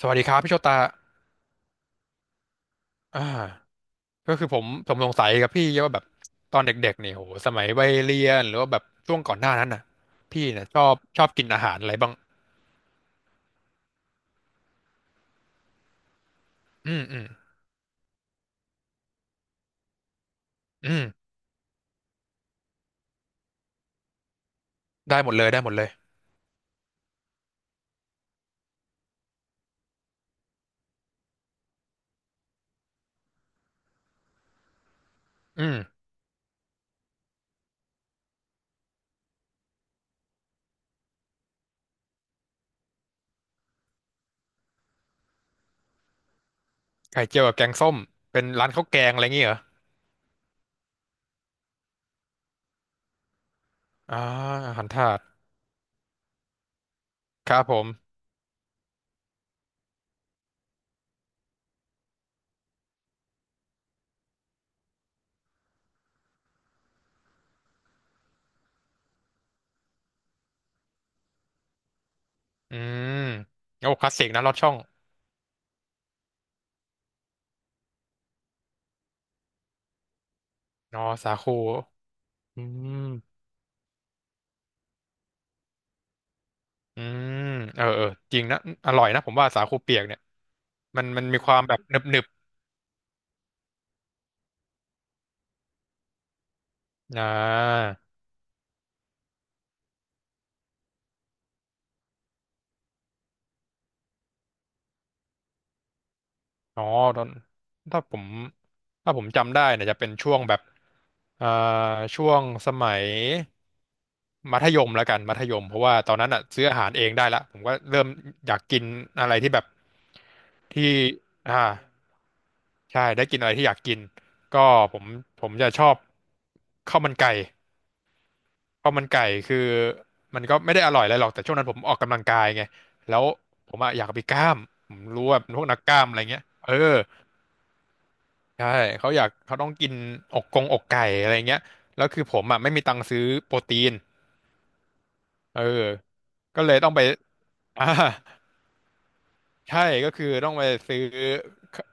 สวัสดีครับพี่โชตาอ่าก็คือผมสงสัยกับพี่ว่าแบบตอนเด็กๆเนี่ยโหสมัยวัยเรียนหรือว่าแบบช่วงก่อนหน้านั้นน่ะพี่เนี่ยชอบกินอาหารอะไรบ้างอืมอืมอืมได้หมดเลยได้หมดเลยอืมไข่เจียวกับแกงส้มเป็นร้านข้าวแกงอะไรอย่างเงี้ยเหรออ่าอาหารถาดครับผม อืมโอ้คลาสสิกนะลอดช่องนอสาคู อืม อืมเออเออจริงนะอร่อยนะผมว่าสาคูเปียกเนี่ยมันมีความแบบหนึบๆอ๋อตอนถ้าผมถ้าผมจำได้เนี่ยจะเป็นช่วงแบบเอ่าช่วงสมัยมัธยมแล้วกันมัธยมเพราะว่าตอนนั้นอ่ะซื้ออาหารเองได้ละผมก็เริ่มอยากกินอะไรที่แบบที่อ่าใช่ได้กินอะไรที่อยากกินก็ผมผมจะชอบข้าวมันไก่ข้าวมันไก่คือมันก็ไม่ได้อร่อยอะไรหรอกแต่ช่วงนั้นผมออกกำลังกายไงแล้วผมอะอยากเอาไปกล้ามผมรู้ว่าเป็นพวกนักกล้ามอะไรเงี้ยเออ ใช่เขาอยากเขาต้องกินอกกงอกไก่อะไรเงี้ยแล้วคือผมอ่ะไม่มีตังค์ซื้อโปรตีนเออก็เลยต้องไป อ่าใช่ก็คือต้องไปซื้อ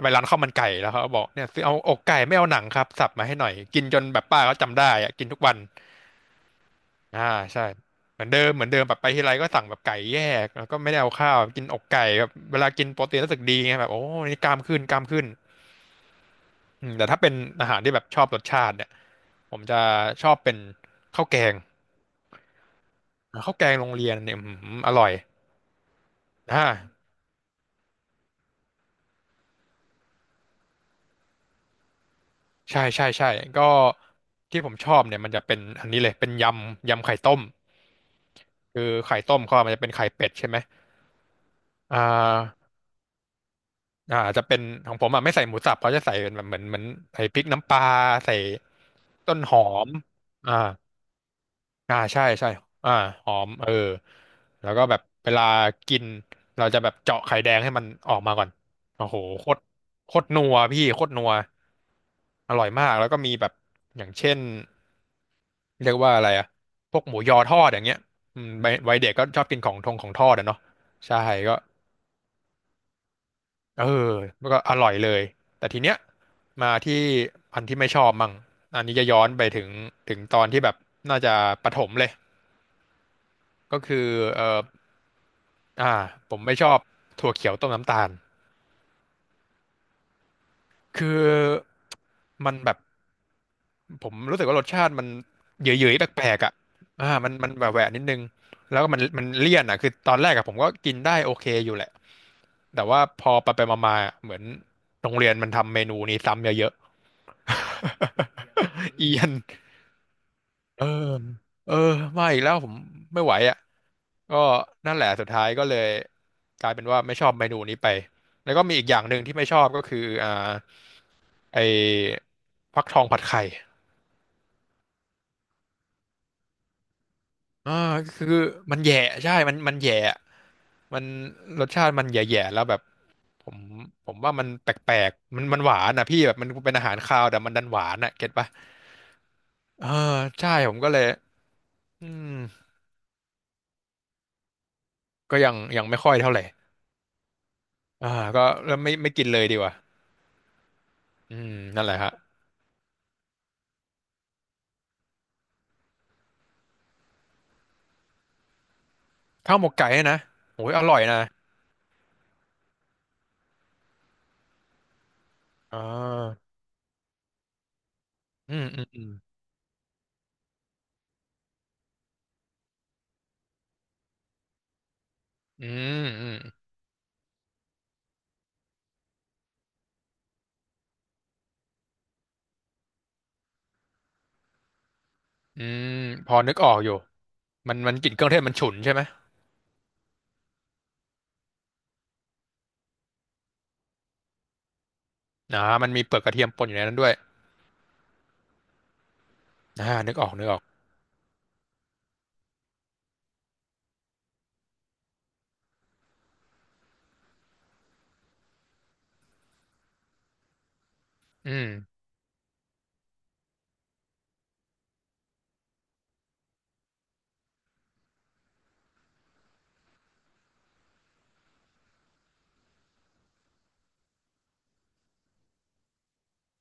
ไปร้านข้าวมันไก่แล้วเขาก็บอกเนี่ยซื้อเอาอกไก่ไม่เอาหนังครับสับมาให้หน่อยกินจนแบบป้าเขาจำได้อ่ะกินทุกวันอ่าใช่เหมือนเดิมเหมือนเดิมแบบไปทีไรก็สั่งแบบไก่แยกแล้วก็ไม่ได้เอาข้าวกินอกไก่แบบเวลากินโปรตีนรู้สึกดีไงแบบโอ้นี่กล้ามขึ้นกล้ามขึ้น อืมแต่ถ้าเป็นอาหารที่แบบชอบรสชาติเนี่ยผมจะชอบเป็นข้าวแกงข้าวแกงโรงเรียนเนี่ยอืมอร่อยอ่าใช่ใช่ใช่ก็ที่ผมชอบเนี่ยมันจะเป็นอันนี้เลยเป็นยำยำไข่ต้มคือไข่ต้มเขาอะมันจะเป็นไข่เป็ดใช่ไหมอ่าจะเป็นของผมอ่ะไม่ใส่หมูสับเขาจะใส่เป็นแบบเหมือนใส่พริกน้ำปลาใส่ต้นหอมอ่า ใช่ใช่อ่าหอมเออแล้วก็แบบเวลากินเราจะแบบเจาะไข่แดงให้มันออกมาก่อนโอ้โหโคตรโคตรนัวพี่โคตรนัวอร่อยมากแล้วก็มีแบบอย่างเช่นเรียกว่าอะไรอะพวกหมูยอทอดอย่างเงี้ยอืมวัยวัยเด็กก็ชอบกินของทงของทอดอะเนาะใช่ก็เออมันก็อร่อยเลยแต่ทีเนี้ยมาที่อันที่ไม่ชอบมั่งอันนี้จะย้อนไปถึงถึงตอนที่แบบน่าจะประถมเลย ก็คือเอ่ออ่าผมไม่ชอบถั่วเขียวต้มน้ำตาลคือมันแบบผมรู้สึกว่ารสชาติมันเหยอะๆแปลกๆอ่ะมันแหวะๆนิดนึงแล้วก็มันเลี่ยนอ่ะคือตอนแรกอะผมก็กินได้โอเคอยู่แหละแต่ว่าพอไปมาๆอะเหมือนโรงเรียนมันทำเมนูนี้ซ้ำเยอะๆ เอียนเออเออมาอีกแล้วผมไม่ไหวอ่ะ ก็นั่นแหละสุดท้ายก็เลยกลายเป็นว่าไม่ชอบเมนูนี้ไปแล้วก็มีอีกอย่างหนึ่งที่ไม่ชอบก็คือไอ้ฟักทองผัดไข่ก็คือมันแย่ใช่มันแย่มันรสชาติมันแย่ๆแล้วแบบผมผมว่ามันแปลกๆมันหวานนะพี่แบบมันเป็นอาหารคาวแต่มันดันหวานอ่ะเก็ตปะเออใช่ผมก็เลยอืมก็ยังยังไม่ค่อยเท่าไหร่อ่าก็เริ่มไม่กินเลยดีกว่าอืมนั่นแหละฮะข้าวหมกไก่เนี่ยนะโอ้ยอร่อยนะอ่า อืมอืมอืมอืมอืมอืมพอนึกออกอยู่มันกลิ่นเครื่องเทศมันฉุนใช่ไหมมันมีเปลือกกระเทียมปนอยู่ในนั้นด้วยนึกออกนึกออกอืม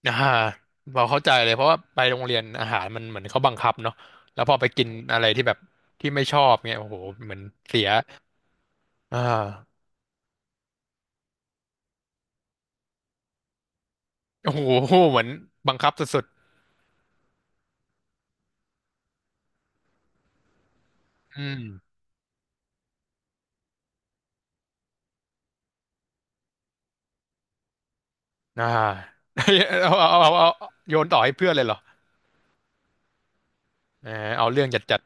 อ่าเราเข้าใจเลยเพราะว่าไปโรงเรียนอาหารมันเหมือนเขาบังคับเนาะแล้วพอไปกินอะไรที่แบบที่ไม่ชอบเงี้ยโอ้โหเหมือนเสียอ่าโอ้โหเหมือนบังคับสุดๆอืมอ่า เเอาโยนต่อให้เพื่อนเลยเหรอเออเอาเรื่องจัด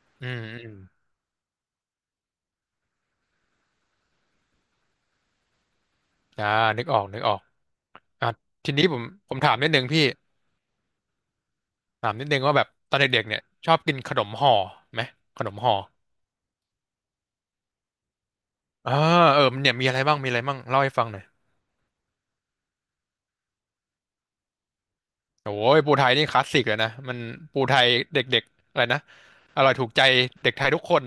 ๆอืมอืมอ่านึกออกนึกออก อ่ะทีนี้ผมถามนิดนึงพี่ถามนิดนึงว่าแบบตอนเด็กๆเนี่ยชอบกินขนมห่อไหมขนมห่ออ่าเออมันเนี่ยมีอะไรบ้างมีอะไรบ้างเล่าให้ฟังหน่อยโอ้ยปูไทยนี่คลาสสิกเลยนะมันปูไทยเด็กๆอะไรนะอร่อยถูกใจเด็กไทยทุกคน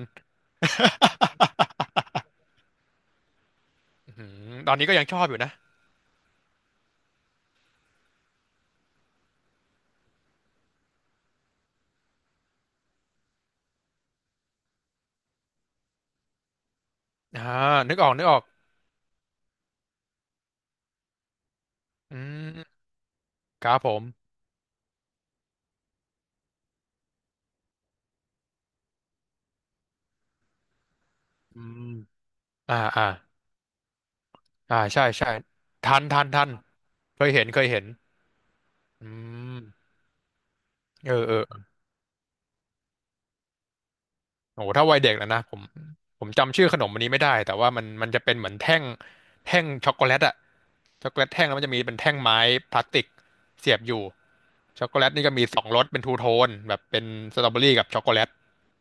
อื้อหือตอนนี้ก็ยังชอบอยู่นะอ่านึกออกนึกออกอืมครับผมอืมอ่าอ่าอ่าใช่ใช่ทันทันทันเคยเห็นเคยเห็นอืมเออเออ โอ้โหถ้าวัยเด็กแล้วนะผมผมจำชื่อขนมอันนี้ไม่ได้แต่ว่ามันจะเป็นเหมือนแท่งแท่งช็อกโกแลตอะช็อกโกแลตแท่งแล้วมันจะมีเป็นแท่งไม้พลาสติกเสียบอยู่ช็อกโกแลตนี่ก็มีสองรสเป็นทูโทนแบบเป็นสตรอเบอรี่กับช็อกโกแลต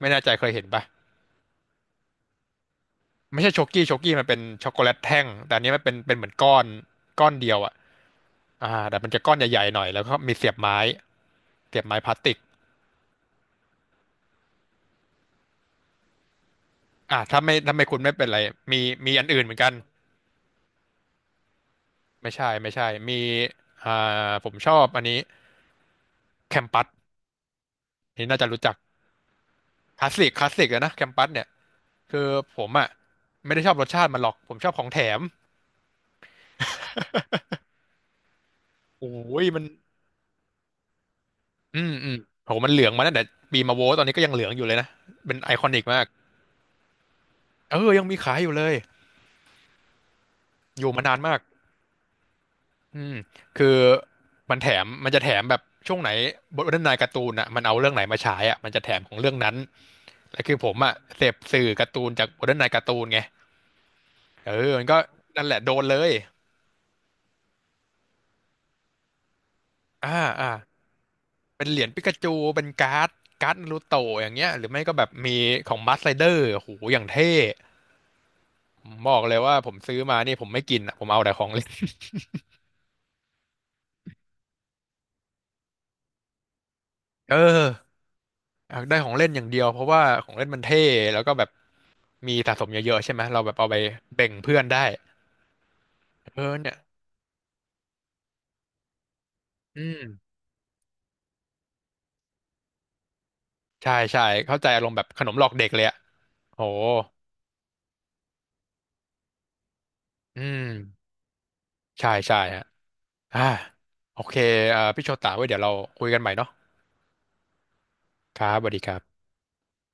ไม่แน่ใจเคยเห็นปะไม่ใช่ช็อกกี้ช็อกกี้มันเป็นช็อกโกแลตแท่งแต่อันนี้มันเป็นเหมือนก้อนก้อนเดียวอะอ่าแต่มันจะก้อนใหญ่ๆหน่อยแล้วก็มีเสียบไม้เสียบไม้พลาสติกอ่าถ้าไม่ถ้าไม่คุณไม่เป็นไรมีมีอันอื่นเหมือนกันไม่ใช่ไม่ใช่มีอ่าผมชอบอันนี้ แคมปัสนี่น่าจะรู้จักคลาสสิกคลาสสิกเลยนะแคมปัสเนี่ยคือผมอ่ะไม่ได้ชอบรสชาติมันหรอกผมชอบของแถมโอ้ยมันอืมอืมโหมันเหลืองมาตั้งแต่ปีมาโวตอนนี้ก็ยังเหลืองอยู่เลยนะเป็นไอคอนิกมากเออยังมีขายอยู่เลยอยู่มานานมากอืมคือมันแถมมันจะแถมแบบช่วงไหนบทวรรณายการ์ตูนอ่ะมันเอาเรื่องไหนมาฉายอ่ะมันจะแถมของเรื่องนั้นแล้วคือผมอ่ะเสพสื่อการ์ตูนจากบทวรรณายการ์ตูนไงเออมันก็นั่นแหละโดนเลยอ่าอ่า เป็นเหรียญปิกาจูเป็นการ์ดการ์ดนารูโตะอย่างเงี้ยหรือไม่ก็แบบมีของบัสไรเดอร์โหอย่างเท่ผมบอกเลยว่าผมซื้อมานี่ผมไม่กินอ่ะผมเอาแต่ของเล่นเอออยากได้ของเล่นอย่างเดียวเพราะว่าของเล่นมันเท่แล้วก็แบบมีสะสมเยอะๆใช่ไหมเราแบบเอาไปแบ่งเพื่อนได้เออเนี่ยอืมใช่ใช่เข้าใจอารมณ์แบบขนมหลอกเด็กเลยอ่ะโหอืมใช่ใช่ฮะอ่าโอเคพี่โชตาไว้เดี๋ยวเราคุยกันใหม่เนาะครับสวัสดีครับ